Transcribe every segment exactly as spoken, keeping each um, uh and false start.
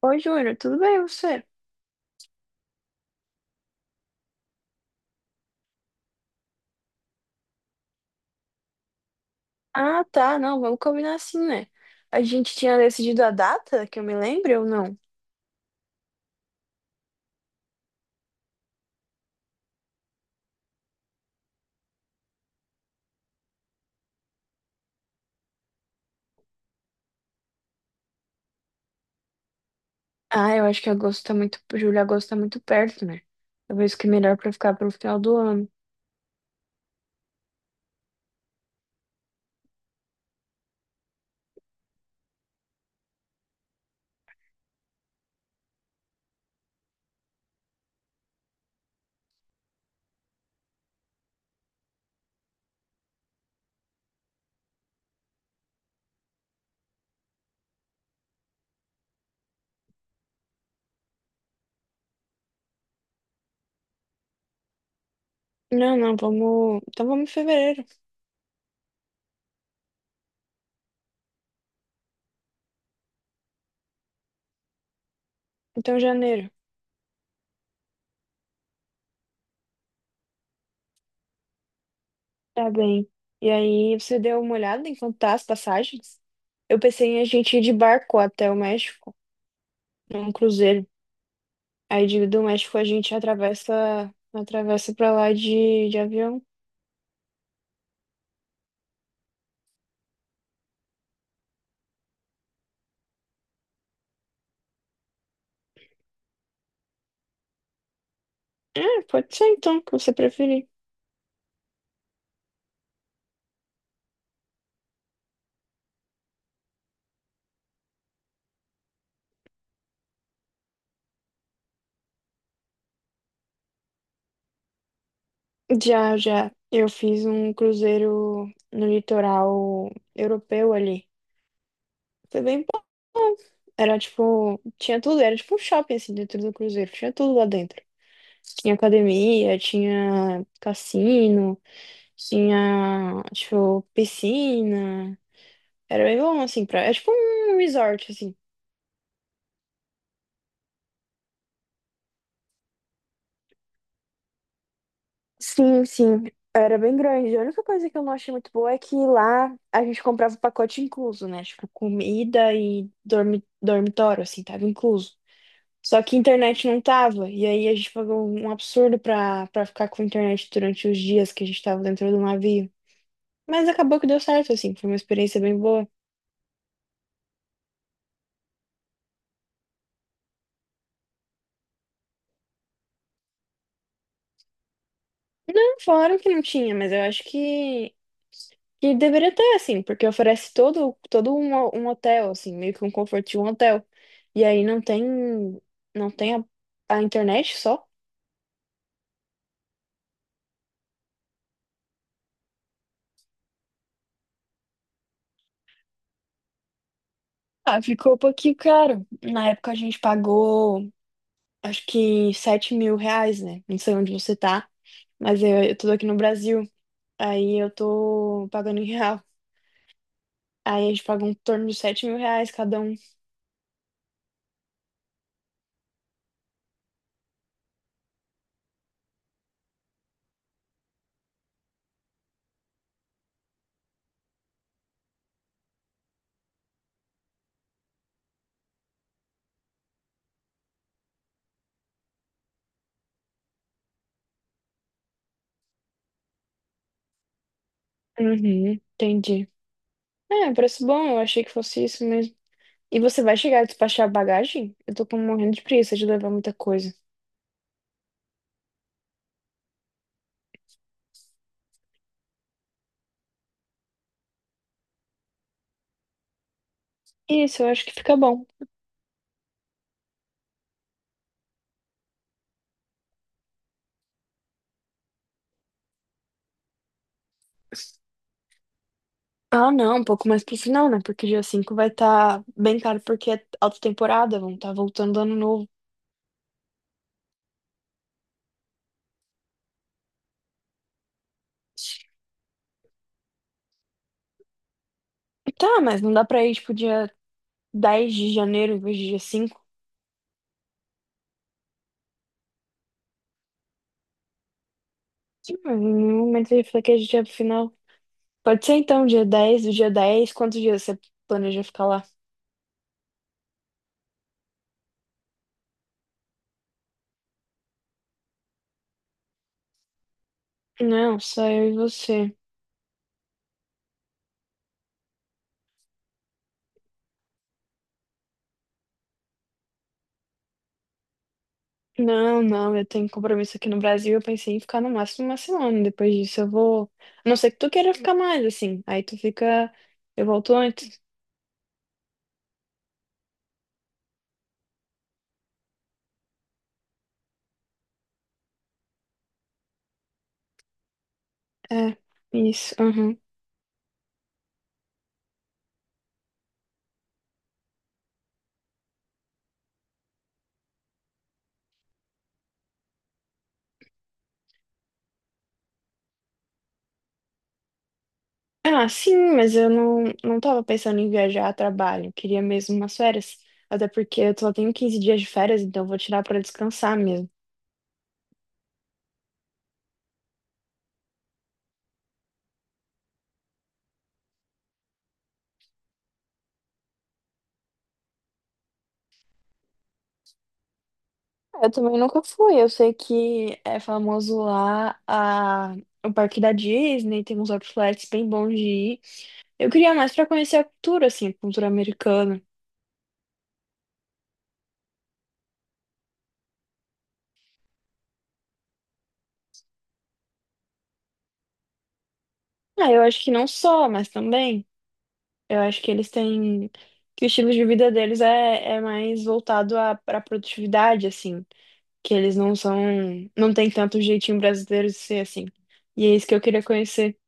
Oi, Júnior, tudo bem você? Ah, tá, não, vamos combinar assim, né? A gente tinha decidido a data, que eu me lembre ou não? Ah, eu acho que agosto tá muito, julho, agosto tá muito perto, né? Talvez que é melhor pra ficar pro final do ano. Não, não, vamos, então vamos em fevereiro, então janeiro. Tá bem. E aí, você deu uma olhada em quanto tá as passagens? Eu pensei em a gente ir de barco até o México, num cruzeiro. Aí de- do México a gente atravessa, atravessa pra lá de, de avião. É, pode ser então, o que você preferir. Já, já. Eu fiz um cruzeiro no litoral europeu ali. Foi bem bom. Era tipo, tinha tudo, era tipo um shopping assim dentro do cruzeiro, tinha tudo lá dentro. Tinha academia, tinha cassino, tinha, tipo, piscina. Era bem bom assim, pra é tipo um resort assim. Sim, sim. Era bem grande. A única coisa que eu não achei muito boa é que lá a gente comprava o pacote incluso, né? Tipo, comida e dormi dormitório, assim, tava incluso. Só que internet não tava. E aí a gente pagou um um absurdo pra, pra ficar com internet durante os dias que a gente tava dentro do navio. Mas acabou que deu certo, assim. Foi uma experiência bem boa. Não, falaram que não tinha, mas eu acho que, que deveria ter, assim, porque oferece todo, todo um, ho- um hotel, assim, meio que um conforto de um hotel. E aí não tem, não tem a, a internet só. Ah, ficou um pouquinho caro. Na época a gente pagou, acho que sete mil reais, né? Não sei onde você tá, mas eu, eu tô aqui no Brasil. Aí eu tô pagando em real. Aí a gente pagou em torno de sete mil reais cada um. Uhum, entendi. É, preço bom, eu achei que fosse isso mesmo. E você vai chegar a despachar a bagagem? Eu tô com- morrendo de preguiça de levar muita coisa. Isso, eu acho que fica bom. Ah, não, um pouco mais pro final, né? Porque dia cinco vai estar bem caro porque é alta temporada, vão estar voltando do ano novo. Tá, mas não dá pra ir, tipo, dia dez de janeiro em vez de dia cinco? Sim, mas em nenhum momento eu falei que a gente ia pro final. Pode ser então, dia dez? Do dia dez, quantos dias você planeja ficar lá? Não, só eu e você. Não, não, eu tenho compromisso aqui no Brasil. Eu pensei em ficar no máximo uma semana. Depois disso eu vou. A não ser que tu queira ficar mais, assim. Aí tu fica. Eu volto antes. É, isso. Aham. Ah, sim, mas eu não, não tava pensando em viajar a trabalho. Eu queria mesmo umas férias. Até porque eu só tenho quinze dias de férias, então eu vou tirar pra descansar mesmo. Eu também nunca fui. Eu sei que é famoso lá a o parque da Disney, tem uns outlets bem bons de ir. Eu queria mais pra conhecer a cultura, assim, a cultura americana. Ah, eu acho que não só, mas também. Eu acho que eles têm. Que o estilo de vida deles é, é mais voltado à pra produtividade, assim. Que eles não são. Não tem tanto jeitinho brasileiro de ser assim. E é isso que eu queria conhecer.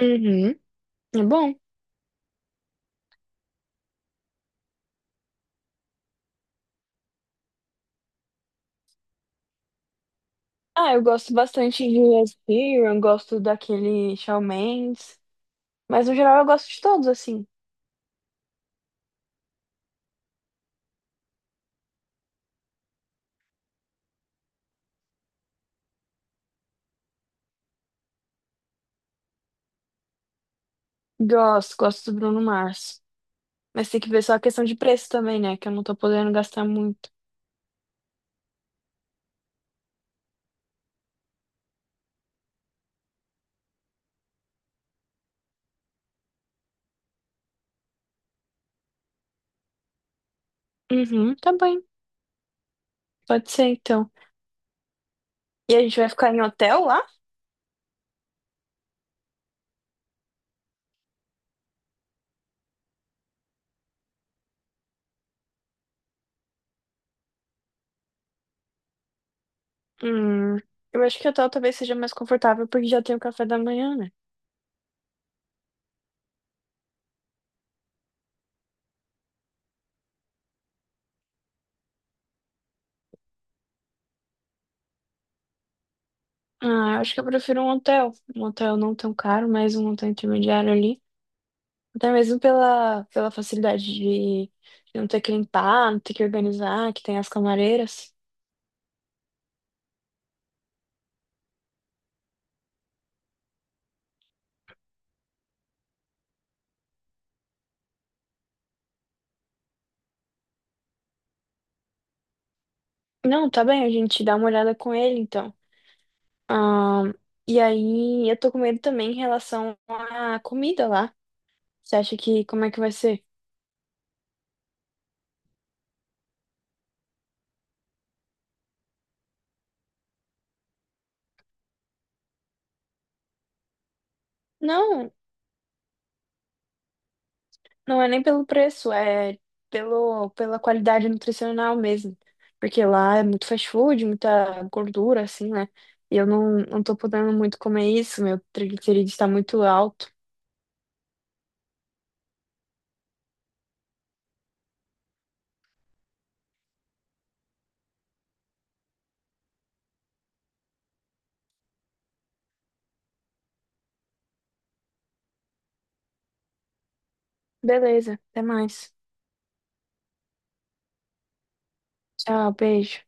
Uhum. É bom. Ah, eu gosto bastante de Ed Sheeran, gosto daquele Shawn Mendes. Mas no geral eu gosto de todos, assim. Gosto, gosto do Bruno Mars. Mas tem que ver só a questão de preço também, né? Que eu não tô podendo gastar muito. Uhum, tá bem. Pode ser, então. E a gente vai ficar em hotel lá? Hum, eu acho que hotel talvez seja mais confortável porque já tem o café da manhã, né? Ah, eu acho que eu prefiro um hotel. Um hotel não tão caro, mas um hotel intermediário ali. Até mesmo pela, pela facilidade de de não ter que limpar, não ter que organizar, que tem as camareiras. Não, tá bem, a gente dá uma olhada com ele, então. Ah, e aí, eu tô com medo também em relação à comida lá. Você acha que como é que vai ser? Não, não é nem pelo preço, é pelo, pela qualidade nutricional mesmo. Porque lá é muito fast food, muita gordura, assim, né? E eu não, não tô podendo muito comer isso, meu triglicerídeo está muito alto. Beleza, até mais. Tchau, beijo.